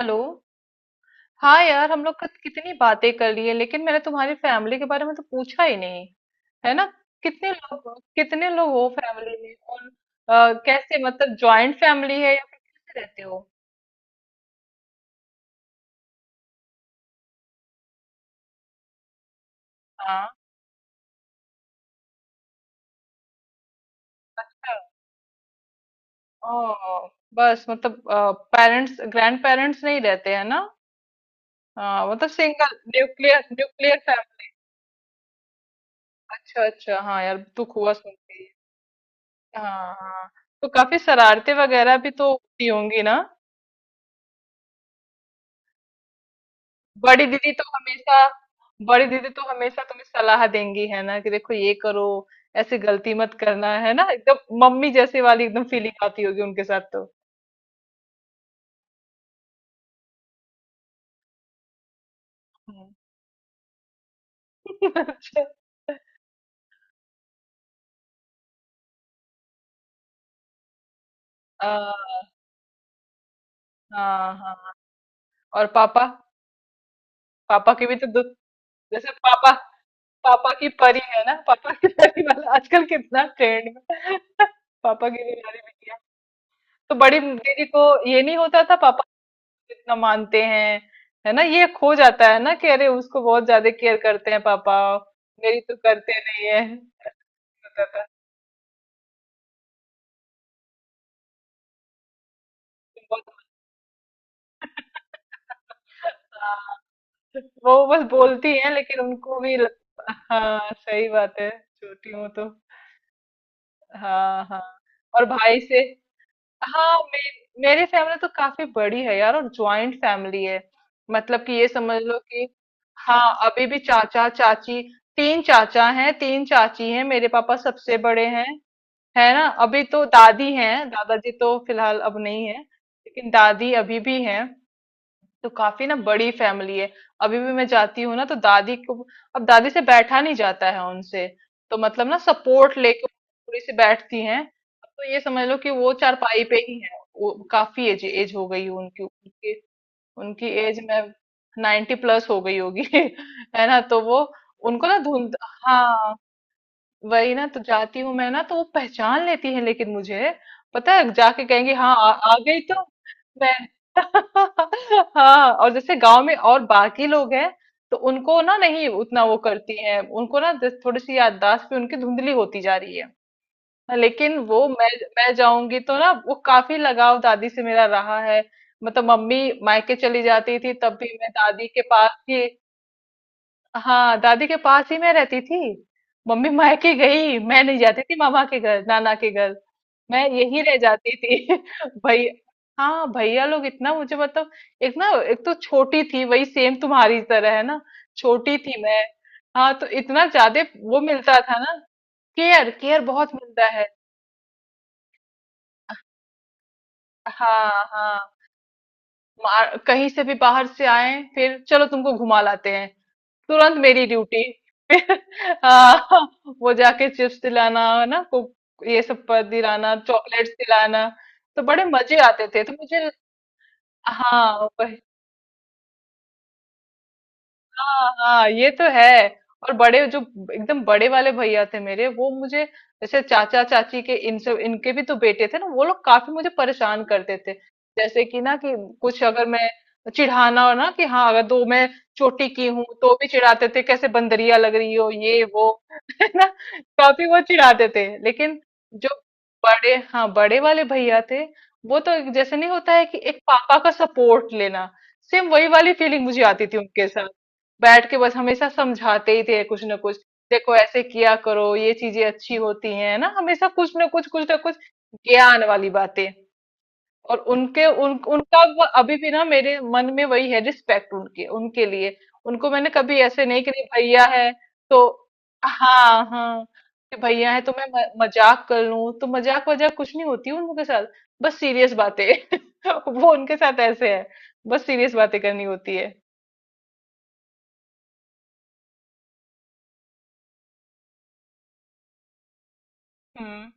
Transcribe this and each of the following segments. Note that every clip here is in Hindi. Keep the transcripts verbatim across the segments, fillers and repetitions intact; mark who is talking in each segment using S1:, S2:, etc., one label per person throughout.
S1: हेलो। हाँ यार, हम लोग कत- कितनी बातें कर ली है, लेकिन मैंने तुम्हारी फैमिली के बारे में तो पूछा ही नहीं, है ना। कितने लोग हो कितने लोग हो फैमिली में, और अ, कैसे, मतलब जॉइंट फैमिली है या फिर कैसे रहते हो? हाँ। अच्छा। ओ, बस मतलब पेरेंट्स ग्रैंड पेरेंट्स नहीं रहते हैं ना। हाँ, मतलब सिंगल न्यूक्लियर न्यूक्लियर फैमिली। अच्छा अच्छा, हाँ यार, दुख हुआ सुन के। हाँ हाँ हाँ। तो काफी शरारते वगैरह भी तो होती होंगी ना। बड़ी दीदी तो हमेशा बड़ी दीदी तो हमेशा तुम्हें सलाह देंगी है ना, कि देखो ये करो, ऐसी गलती मत करना, है ना। एकदम मम्मी जैसी वाली एकदम फीलिंग आती होगी उनके साथ तो। हम्म। अच्छा। आ, हाँ हाँ। और पापा, पापा की भी तो दो- जैसे पापा, पापा की परी है ना, पापा की परी वाला आजकल कितना ट्रेंड में। पापा की बीमारी भी किया, तो बड़ी दीदी को ये नहीं होता था। कितना मानते हैं, है ना। ये खो जाता है ना कि अरे, उसको बहुत ज्यादा केयर करते हैं पापा, मेरी तो करते नहीं है। तो कहता है, तुम बहुत। हाँ, वो बस बोलती है, लेकिन उनको भी लग- हाँ, सही बात है। छोटी हूँ तो। हाँ हाँ। और भाई से। हाँ, मे, मेरी फैमिली तो काफी बड़ी है यार, और ज्वाइंट फैमिली है। मतलब कि ये समझ लो कि हाँ, अभी भी चाचा चाची, तीन चाचा हैं तीन चाची हैं, मेरे पापा सबसे बड़े हैं, है ना। अभी तो दादी हैं, दादाजी तो फिलहाल अब नहीं है, लेकिन दादी अभी भी हैं। तो काफी ना बड़ी फैमिली है। अभी भी मैं जाती हूँ ना तो दादी को, अब दादी से बैठा नहीं जाता है उनसे, तो मतलब ना सपोर्ट लेके थोड़ी सी बैठती हैं। अब तो ये समझ लो कि वो चारपाई पे ही है, वो काफी एज एज हो गई है उनकी उनकी। उनकी एज में नाइन्टी प्लस हो गई होगी। है ना, तो वो, उनको ना धुंध। हाँ वही ना, तो जाती हूँ मैं ना तो वो पहचान लेती है, लेकिन मुझे पता है, जाके कहेंगी हाँ, आ, आ गई तो। मैं। हाँ, और जैसे गांव में और बाकी लोग हैं, तो उनको ना, नहीं उतना वो करती हैं, उनको ना जैसे थोड़ी सी याददाश्त भी उनकी धुंधली होती जा रही है। हाँ, लेकिन वो मैं मैं जाऊंगी तो ना, वो काफी लगाव दादी से मेरा रहा है। मतलब मम्मी मायके चली जाती थी तब भी मैं दादी के पास थी। हाँ, दादी के पास ही मैं रहती थी। मम्मी मायके गई, मैं नहीं जाती थी मामा के घर नाना के घर, मैं यही रह जाती थी। भाई, हाँ, भैया लोग इतना मुझे मतलब, एक ना, एक तो छोटी थी, वही सेम तुम्हारी तरह है ना, छोटी थी मैं। हाँ, तो इतना ज्यादा वो मिलता था ना, केयर, केयर बहुत मिलता है। हाँ हाँ। मार- कहीं से भी बाहर से आए, फिर चलो तुमको घुमा लाते हैं, तुरंत मेरी ड्यूटी। हाँ, वो जाके चिप्स दिलाना है ना को, ये सब पर दिलाना, चॉकलेट्स दिलाना। तो बड़े मजे आते थे तो मुझे। हाँ हाँ हाँ, ये तो है। और बड़े जो एकदम बड़े वाले भैया थे मेरे, वो मुझे, जैसे चाचा चाची के इन सब इनके भी तो बेटे थे ना, वो लोग काफी मुझे परेशान करते थे। जैसे कि ना, कि कुछ अगर मैं चिढ़ाना हो ना, कि हाँ, अगर दो मैं चोटी की हूँ तो भी चिढ़ाते थे, कैसे बंदरिया लग रही हो, ये वो। है ना। काफी वो चिढ़ाते थे, लेकिन जो बड़े, हाँ बड़े वाले भैया थे, वो तो एक- जैसे नहीं होता है कि एक पापा का सपोर्ट लेना, सेम वही वाली फीलिंग मुझे आती थी उनके, बैठ के बस हमेशा समझाते ही थे कुछ ना कुछ, देखो ऐसे किया करो, ये चीजें अच्छी होती हैं ना, हमेशा कुछ ना कुछ कुछ ना कुछ ज्ञान वाली बातें। और उनके उन, उनका वो अभी भी ना मेरे मन में वही है, रिस्पेक्ट उनके उनके लिए। उनको मैंने कभी ऐसे नहीं, कि नहीं, भैया है तो। हाँ हाँ, कि भैया है तो मैं म- मजाक कर लूं, तो मजाक वजाक कुछ नहीं होती उनके साथ, बस सीरियस बातें। वो उनके साथ ऐसे है, बस सीरियस बातें करनी होती है। हम्म।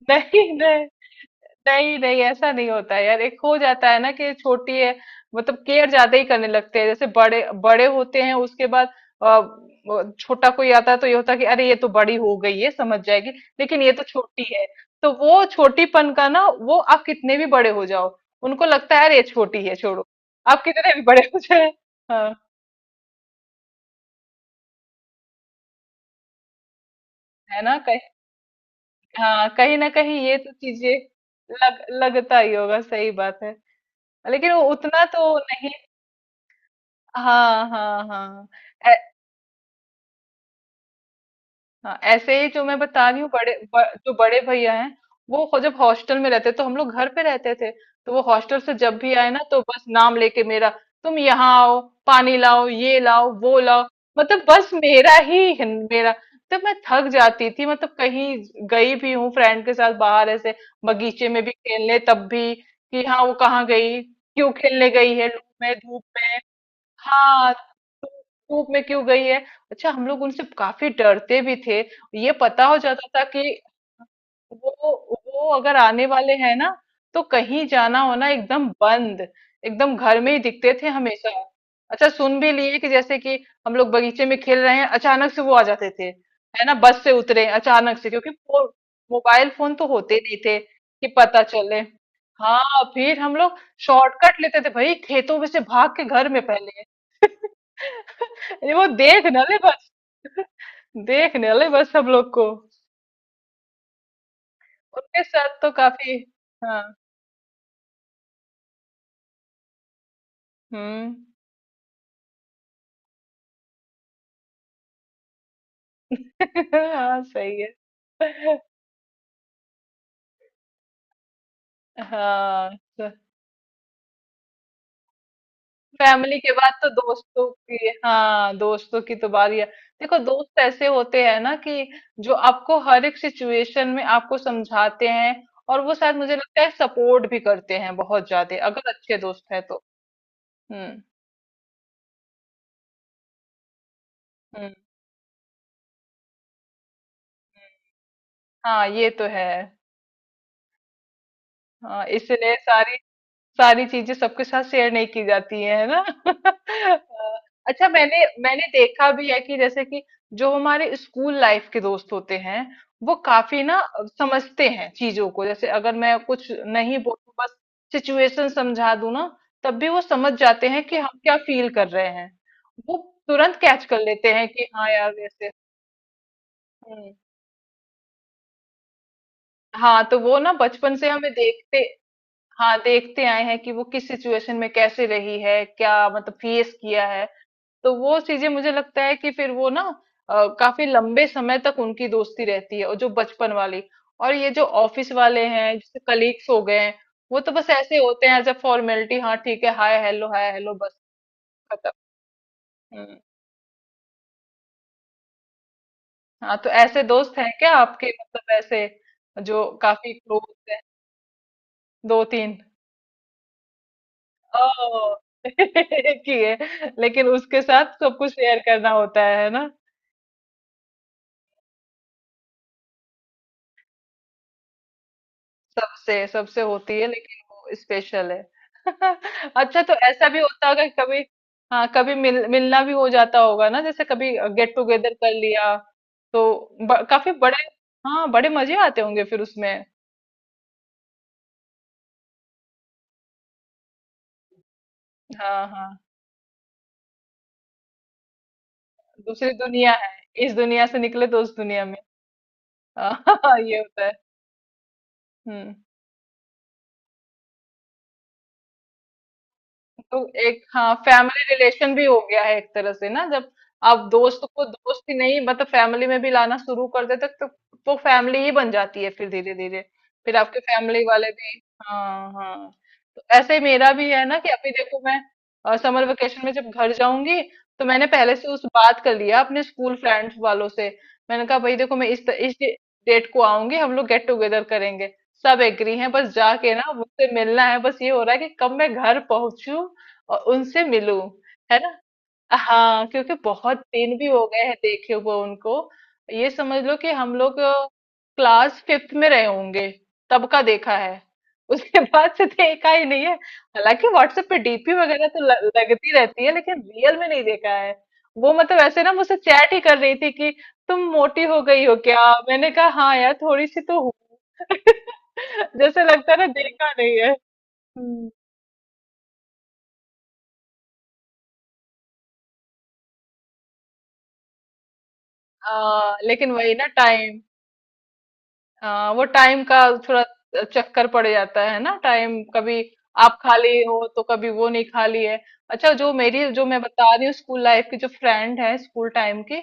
S1: नहीं नहीं। नहीं नहीं, ऐसा नहीं होता है यार, एक हो जाता है ना कि छोटी है, मतलब केयर ज्यादा ही करने लगते हैं। जैसे बड़े बड़े होते हैं उसके बाद, अ, वो छोटा कोई आता है, तो ये होता है कि अरे, ये तो बड़ी हो गई है, समझ जाएगी, लेकिन ये तो छोटी है। तो वो छोटीपन का ना, वो आप कितने भी बड़े हो जाओ, उनको लगता है अरे ये छोटी है, छोड़ो। आप कितने भी बड़े हो जाए। हाँ, है ना कहीं, हाँ, कहीं ना कहीं ये तो चीजें लग लगता ही होगा, सही बात है, लेकिन वो उतना तो नहीं। हाँ हाँ हाँ। हाँ, ऐसे ही जो मैं बता रही हूँ, बड़े ब, जो बड़े भैया हैं, वो हो- जब हॉस्टल में रहते तो हम लोग घर पे रहते थे, तो वो हॉस्टल से जब भी आए ना, तो बस नाम लेके मेरा, तुम यहाँ आओ, पानी लाओ, ये लाओ वो लाओ, मतलब बस मेरा ही है, मेरा। तब मैं थक जाती थी, मतलब कहीं गई भी हूँ फ्रेंड के साथ बाहर, ऐसे बगीचे में भी खेलने, तब भी कि हाँ, वो कहाँ गई, क्यों खेलने गई है लू में, धूप। हाँ धू- धूप में क्यों गई है। अच्छा, हम लोग उनसे काफी डरते भी थे, ये पता हो जाता था कि वो वो अगर आने वाले हैं ना, तो कहीं जाना होना एकदम बंद, एकदम घर में ही दिखते थे हमेशा। अच्छा, सुन भी लिए कि जैसे कि हम लोग बगीचे में खेल रहे हैं, अचानक से वो आ जाते थे, है ना। बस से उतरे अचानक से, क्योंकि फो, मोबाइल फोन तो होते नहीं थे कि पता चले। हाँ, फिर हम लोग शॉर्टकट लेते थे भाई, खेतों में से भाग के घर में पहले। ये वो देख न ले बस, देख न ले बस हम लोग को। उनके साथ तो काफी। हाँ। हुँ। हाँ, सही है। हाँ, तो फैमिली के बाद तो दोस्तों की, हाँ, दोस्तों की तो बारी है। देखो, दोस्त ऐसे होते हैं ना कि जो आपको हर एक सिचुएशन में आपको समझाते हैं, और वो शायद मुझे लगता है सपोर्ट भी करते हैं बहुत ज़्यादा, अगर अच्छे दोस्त हैं तो। हुँ, हुँ। हाँ, ये तो है। हाँ, इसलिए सारी सारी चीजें सबके साथ शेयर नहीं की जाती हैं, है ना? अ, अच्छा, मैंने मैंने देखा भी है कि जैसे कि जो हमारे स्कूल लाइफ के दोस्त होते हैं, वो काफी ना अ, समझते हैं चीजों को। जैसे अगर मैं कुछ नहीं बोलूँ, बस सिचुएशन समझा दूँ ना, तब भी वो समझ जाते हैं कि हम क्या फील कर रहे हैं। वो तुरंत कैच कर लेते हैं कि हाँ यार, ऐसे। हुँ। हाँ, तो वो ना बचपन से हमें देखते, हाँ, देखते आए हैं कि वो किस सिचुएशन में कैसे रही है, क्या मतलब फेस किया है। तो वो चीजें मुझे लगता है कि फिर वो ना, अ, काफी लंबे समय तक उनकी दोस्ती रहती है, और जो बचपन वाली, और ये जो ऑफिस वाले हैं जैसे कलीग्स हो गए हैं, वो तो बस ऐसे होते हैं, एज अ फॉर्मेलिटी, हाँ ठीक है, हाय हेलो हाय हेलो, बस खत्म। हम्म। हाँ, तो ऐसे दोस्त हैं क्या आपके, मतलब ऐसे जो काफी क्लोज है, दो तीन? ओह! किए। लेकिन उसके साथ सब कुछ शेयर करना होता है ना? सबसे सबसे होती है, लेकिन वो स्पेशल है। अच्छा, तो ऐसा भी होता होगा कि कभी, हाँ, कभी मिल मिलना भी हो जाता होगा ना, जैसे कभी गेट टुगेदर कर लिया, तो ब काफ़ी बड़े। हाँ, बड़े मज़े आते होंगे फिर उसमें। हाँ, हाँ, दूसरी दुनिया है। इस दुनिया से निकले तो उस दुनिया में। हाँ, ये होता है। हुँ। तो एक, हाँ, फैमिली रिलेशन भी हो गया है एक तरह से ना, जब आप दोस्त को दोस्त ही नहीं, मतलब फैमिली में भी लाना शुरू कर देते, तो वो फैमिली ही बन जाती है फिर धीरे धीरे, फिर आपके फैमिली वाले भी। हाँ हाँ। तो ऐसे ही मेरा भी है ना, कि अभी देखो मैं समर वेकेशन में जब घर जाऊंगी, तो मैंने पहले से उस बात कर लिया अपने स्कूल फ्रेंड्स वालों से। मैंने कहा भाई देखो, मैं इस त- इस डेट को आऊंगी, हम लोग गेट टुगेदर करेंगे। सब एग्री हैं, बस जाके ना मुझसे मिलना है। बस ये हो रहा है कि कब मैं घर पहुंचू और उनसे मिलूं, है ना। हाँ, क्योंकि बहुत दिन भी हो गए हैं देखे हुए उनको। ये समझ लो कि हम लोग क्लास फिफ्थ में रहे होंगे, तब का देखा है, उसके बाद से देखा ही नहीं है। हालांकि व्हाट्सएप पे डीपी वगैरह तो ल- लगती रहती है, लेकिन रियल में नहीं देखा है। वो मतलब ऐसे ना मुझसे चैट ही कर रही थी कि तुम मोटी हो गई हो क्या? मैंने कहा हाँ यार, थोड़ी सी तो हूँ। जैसे लगता है ना देखा नहीं है। हम्म। आ, लेकिन वही ना टाइम, आ, वो टाइम का थोड़ा चक्कर पड़ जाता है ना, टाइम कभी आप खाली हो तो कभी वो नहीं खाली है। अच्छा, जो मेरी जो मैं बता रही हूँ स्कूल लाइफ की जो फ्रेंड है, स्कूल टाइम की,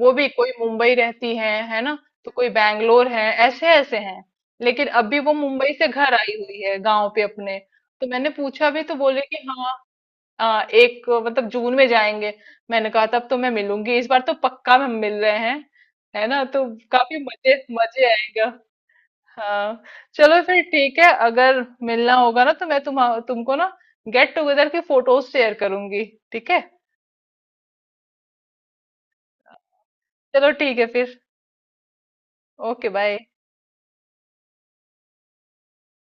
S1: वो भी कोई मुंबई रहती है है ना, तो कोई बैंगलोर है, ऐसे ऐसे हैं। लेकिन अभी वो मुंबई से घर आई हुई है गांव पे अपने, तो मैंने पूछा भी, तो बोले कि हाँ, आ, एक मतलब जून में जाएंगे। मैंने कहा तब तो मैं मिलूंगी, इस बार तो पक्का हम मिल रहे हैं, है ना तो। काफी मजे मजे आएगा। हाँ, चलो फिर ठीक है, अगर मिलना होगा ना तो मैं तुम तुमको ना गेट टुगेदर की फोटोज शेयर करूंगी, ठीक है। चलो ठीक है फिर। Okay, bye.